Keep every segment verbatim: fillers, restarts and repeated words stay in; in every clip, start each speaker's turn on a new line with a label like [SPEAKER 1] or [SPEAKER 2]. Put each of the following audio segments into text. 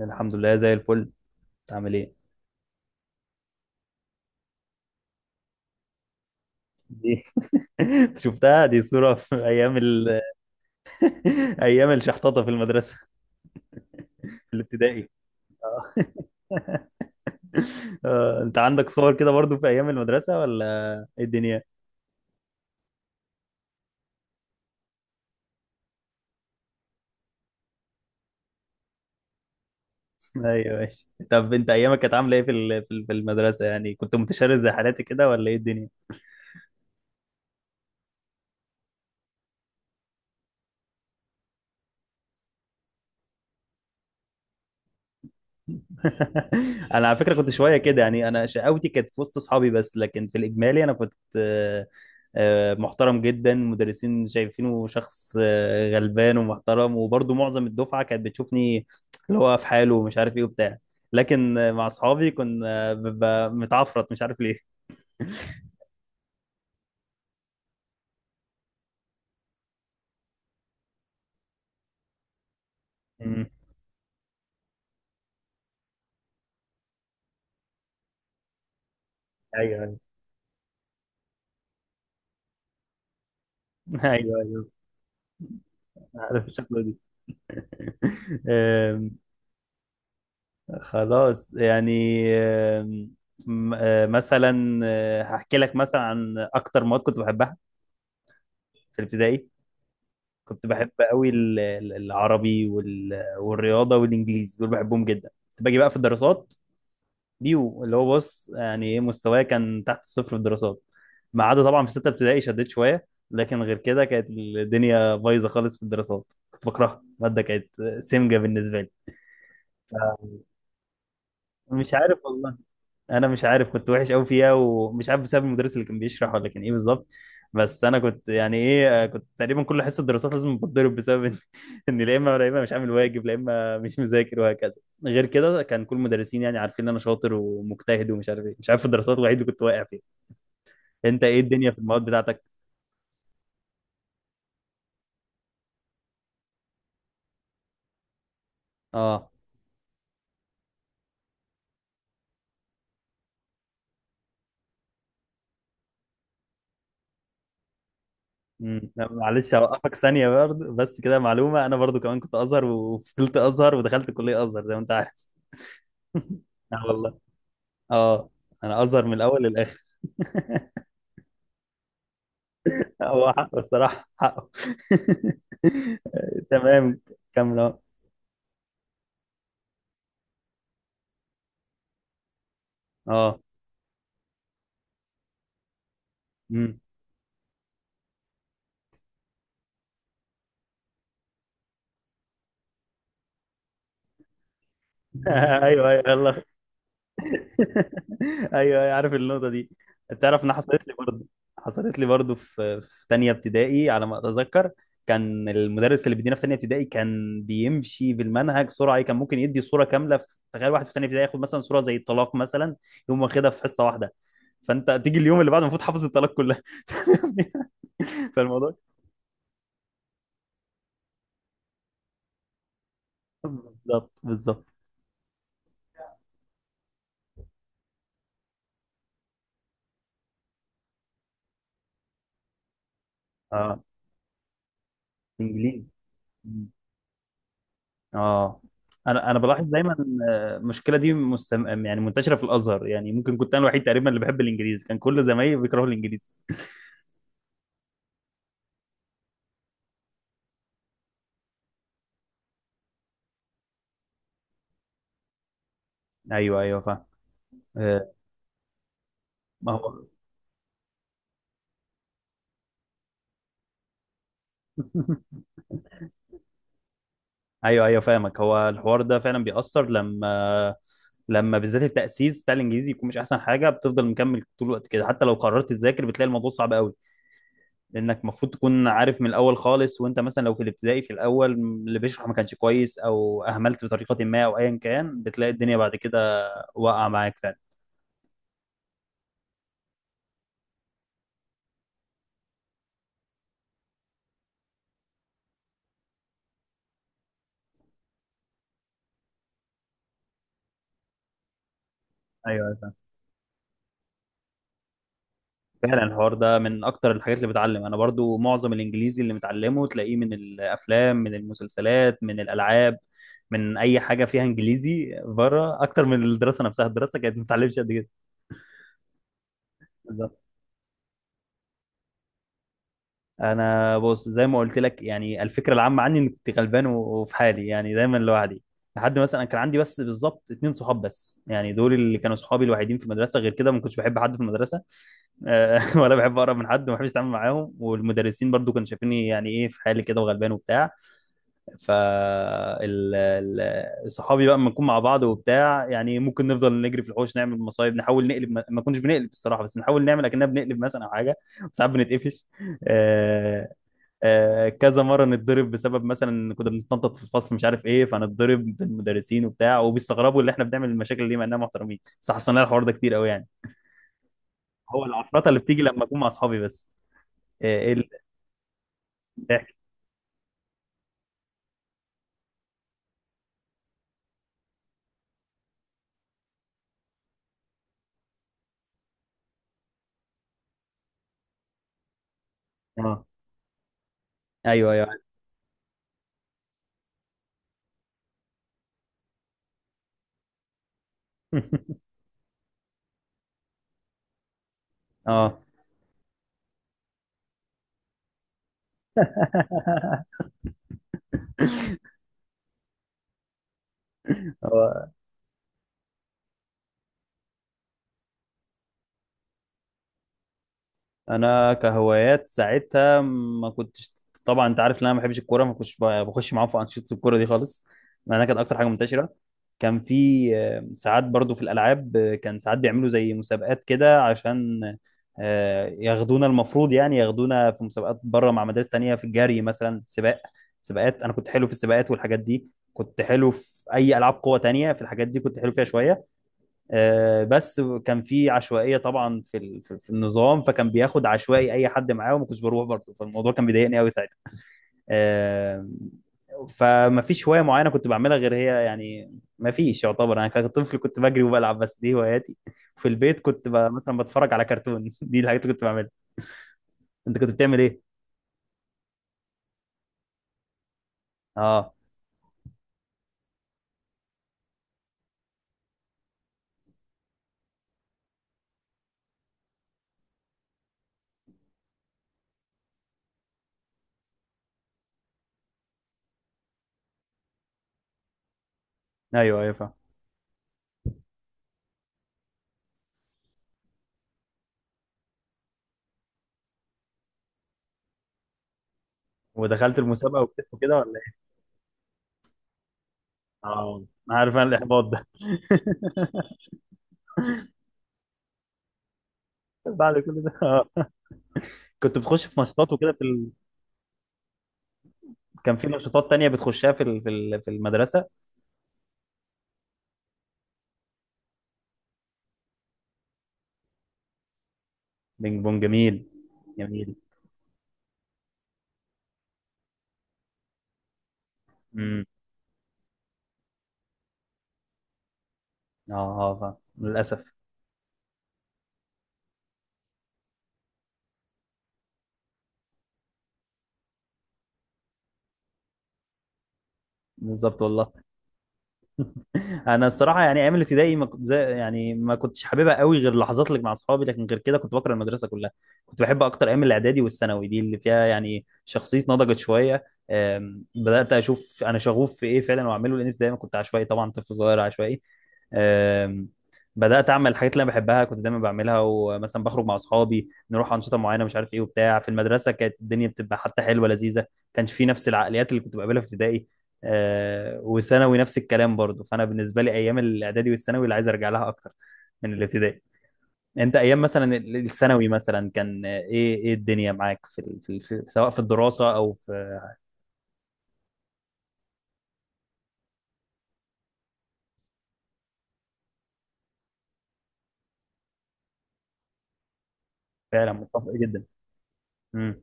[SPEAKER 1] الحمد لله زي الفل. عامل ايه؟ دي أنت شفتها؟ دي صورة في ايام ال... ايام الشحططة في المدرسة، في الابتدائي. آه. آه، انت عندك صور كده برضو في ايام المدرسة ولا ايه الدنيا؟ ايوه ماشي. طب انت ايامك كانت عاملة ايه في ال... في ال- في المدرسة؟ يعني كنت متشرد زي حالاتي كده ولا ايه الدنيا؟ انا على فكره كنت شويه كده، يعني انا شقاوتي كانت في وسط اصحابي بس، لكن في الاجمالي انا كنت آه، آه، محترم جدا. مدرسين شايفينه شخص آه، غلبان ومحترم، وبرضه معظم الدفعه كانت بتشوفني اللي هو في حاله ومش عارف ايه وبتاع. لكن آه، مع اصحابي كنا ببقى متعفرت، مش عارف ليه. مم. ايوه ايوه. ايوه ايوه، عارف الشكل دي. خلاص. يعني آم، م- آه، مثلا آه، هحكي لك مثلا عن اكتر مواد كنت بحبها. في الابتدائي كنت بحب قوي ال- ال- العربي وال- والرياضه والانجليزي، دول بحبهم جدا. كنت باجي بقى في الدراسات، بيو، اللي هو بص يعني ايه، مستواي كان تحت الصفر في الدراسات، ما عدا طبعا في سته ابتدائي شديت شويه، لكن غير كده كانت الدنيا بايظه خالص في الدراسات. كنت بكرهها، الماده كانت سمجه بالنسبه لي. مش عارف والله. انا مش عارف، كنت وحش قوي فيها ومش عارف بسبب المدرس اللي كان بيشرح ولا كان ايه بالظبط. بس انا كنت يعني ايه، آه، كنت تقريبا كل حصه دراسات لازم بتضرب، بسبب ان إن لا اما لا اما مش عامل واجب، لا اما مش مذاكر، وهكذا. غير كده كان كل المدرسين يعني عارفين ان انا شاطر ومجتهد ومش عارف ايه، مش عارف، في الدراسات الوحيد اللي كنت واقع فيه. انت ايه الدنيا في المواد بتاعتك؟ اه. امم لا، معلش هوقفك ثانيه برضه، بس كده معلومه، انا برضه كمان كنت ازهر وفضلت ازهر ودخلت كليه ازهر زي ما انت عارف. اه والله. اه، انا ازهر من الاول للاخر. هو حقه الصراحة، حقه. تمام، كمل اهو. اه. أمم. ايوه ايوه، يلا. ايوه ايوه عارف النقطة دي. تعرف ان حصلت لي برضه، حصلت لي برضه في في تانية ابتدائي على ما اتذكر. كان المدرس اللي بيدينا في تانية ابتدائي كان بيمشي بالمنهج سرعة، كان ممكن يدي صورة كاملة. في تخيل واحد في تانية ابتدائي ياخد مثلا صورة زي الطلاق مثلا، يقوم واخدها في حصة واحدة، فانت تيجي اليوم اللي بعده المفروض حافظ الطلاق كلها. فالموضوع، بالظبط بالظبط. اه، انجليزي. مم. اه. انا انا بلاحظ دايما آه، المشكله دي مستم... يعني منتشره في الازهر، يعني ممكن كنت انا الوحيد تقريبا اللي بحب الانجليزي، كان كل زمايلي بيكرهوا الانجليزي. ايوه ايوه فاهم. آه، ما هو. ايوه ايوه فاهمك. هو الحوار ده فعلا بيأثر لما لما بالذات التأسيس بتاع الانجليزي يكون مش احسن حاجه، بتفضل مكمل طول الوقت كده، حتى لو قررت تذاكر بتلاقي الموضوع صعب قوي، لانك المفروض تكون عارف من الاول خالص. وانت مثلا لو في الابتدائي في الاول اللي بيشرح ما كانش كويس او اهملت بطريقه ما او ايا كان، بتلاقي الدنيا بعد كده واقعه معاك فعلا. ايوه أيوة، فعلا. فعلا الحوار ده من اكتر الحاجات اللي بتعلم. انا برضو معظم الانجليزي اللي متعلمه تلاقيه من الافلام، من المسلسلات، من الالعاب، من اي حاجه فيها انجليزي بره، اكتر من الدراسه نفسها. الدراسه كانت ما بتتعلمش قد كده. انا بص زي ما قلت لك، يعني الفكره العامه عني اني كنت غلبان و- وفي حالي، يعني دايما لوحدي. لحد مثلا كان عندي بس بالظبط اتنين صحاب بس، يعني دول اللي كانوا صحابي الوحيدين في المدرسه. غير كده ما كنتش بحب حد في المدرسه، آه، ولا بحب اقرب من حد وما بحبش اتعامل معاهم. والمدرسين برضو كانوا شايفيني يعني ايه في حالي كده وغلبان وبتاع. ف ال- ال- صحابي بقى لما نكون مع بعض وبتاع، يعني ممكن نفضل نجري في الحوش، نعمل مصايب، نحاول نقلب، ما ما كناش بنقلب الصراحه، بس نحاول نعمل اكننا بنقلب مثلا او حاجه. ساعات بنتقفش. آه، آه، كذا مره نتضرب بسبب مثلا إن كنا بنتنطط في الفصل مش عارف ايه، فنتضرب بالمدرسين وبتاع، وبيستغربوا اللي احنا بنعمل المشاكل دي مع اننا محترمين، بس حصل لنا الحوار ده كتير قوي يعني. هو العفرطه اللي بتيجي لما اكون مع اصحابي بس. آه، ايه اللي. اه ايوه ايوه. اه. هو انا كهوايات ساعتها ما كنتش، طبعا انت عارف ان انا ما بحبش الكوره، ما كنتش ب- بخش معاهم في انشطه الكوره دي خالص، مع انها كانت اكتر حاجه منتشره. كان في آه، ساعات برضو في الالعاب، آه، كان ساعات بيعملوا زي مسابقات كده عشان آه، ياخدونا، المفروض يعني ياخدونا في مسابقات بره مع مدارس تانية في الجري مثلا، سباق، سباقات. انا كنت حلو في السباقات والحاجات دي، كنت حلو في اي العاب قوه تانية، في الحاجات دي كنت حلو فيها شويه. آه، بس كان في عشوائيه طبعا في ال- في في النظام، فكان بياخد عشوائي اي حد معاه وما كنتش بروح برضه، فالموضوع كان بيضايقني قوي ساعتها. آه، فما فيش هوايه معينه كنت بعملها غير هي يعني، ما فيش، يعتبر انا كطفل كنت بجري وبلعب بس، دي هواياتي. في البيت كنت ب... مثلا بتفرج على كرتون، دي الحاجات اللي كنت بعملها. انت كنت بتعمل ايه؟ اه ايوه ايوه فاهم. ودخلت المسابقه وكسبت كده ولا ايه؟ اه، عارف انا الاحباط ده. بعد كل ده؟ اه، كنت بتخش في ماتشات وكده في ال... كان في نشاطات تانية بتخشها في ال- في ال- في المدرسة؟ بينج بونج، جميل، جميل. امم. اه اه فاهم. للأسف. بالظبط والله. انا الصراحه يعني ايام الابتدائي ما كنت زي، يعني ما كنتش حاببها قوي غير اللحظات اللي مع اصحابي، لكن غير كده كنت بكره المدرسه كلها. كنت بحب اكتر ايام الاعدادي والثانوي، دي اللي فيها يعني شخصيتي نضجت شويه. أم، بدات اشوف انا شغوف في ايه فعلا واعمله، لان زي ما كنت عشوائي طبعا، طفل صغير عشوائي. أم، بدات اعمل الحاجات اللي انا بحبها كنت دايما بعملها، ومثلا بخرج مع اصحابي نروح انشطه معينه مش عارف ايه وبتاع. في المدرسه كانت الدنيا بتبقى حتى حلوه لذيذه، كانش في نفس العقليات اللي كنت بقابلها في ابتدائي. آه، وثانوي نفس الكلام برضو. فانا بالنسبه لي ايام الاعدادي والثانوي اللي عايز ارجع لها اكتر من الابتدائي. انت ايام مثلا ال- الثانوي مثلا كان آه، ايه، ايه الدنيا معاك في، ال- في, ال- في، سواء في الدراسه او في. فعلا متفق جدا. امم.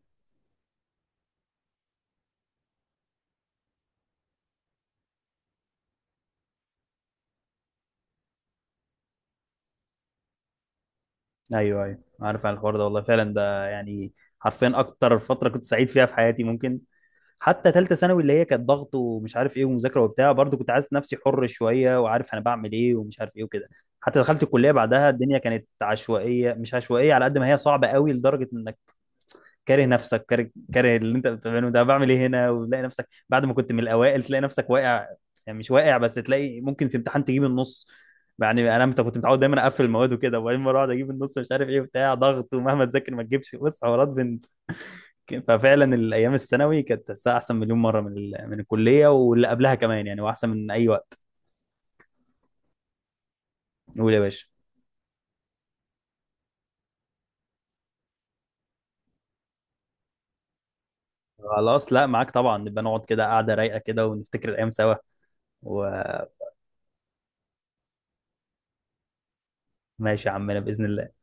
[SPEAKER 1] ايوه ايوه عارف عن الحوار ده والله، فعلا ده يعني حرفيا اكتر فتره كنت سعيد فيها في حياتي ممكن. حتى ثالثه ثانوي اللي هي كانت ضغط ومش عارف ايه ومذاكره وبتاع، برضو كنت حاسس نفسي حر شويه وعارف انا بعمل ايه ومش عارف ايه وكده. حتى دخلت الكليه بعدها الدنيا كانت عشوائيه، مش عشوائيه على قد ما هي صعبه قوي لدرجه انك كاره نفسك، كاره كاره اللي انت بتعمله، ده بعمل ايه هنا، وتلاقي نفسك بعد ما كنت من الاوائل تلاقي نفسك واقع. يعني مش واقع بس، تلاقي ممكن في امتحان تجيب النص. يعني انا مت- كنت متعود دايما اقفل المواد وكده، وبعدين مره اقعد اجيب النص مش عارف ايه وبتاع، ضغط ومهما تذاكر ما تجيبش، بص حوارات. ففعلا الايام الثانوي كانت تحسها احسن مليون مره من ال... من الكليه واللي قبلها كمان، يعني واحسن من اي وقت. قول يا باشا. خلاص، لا معاك طبعا، نبقى نقعد كده قاعده رايقه كده ونفتكر الايام سوا، وماشي. يا عمنا باذن الله.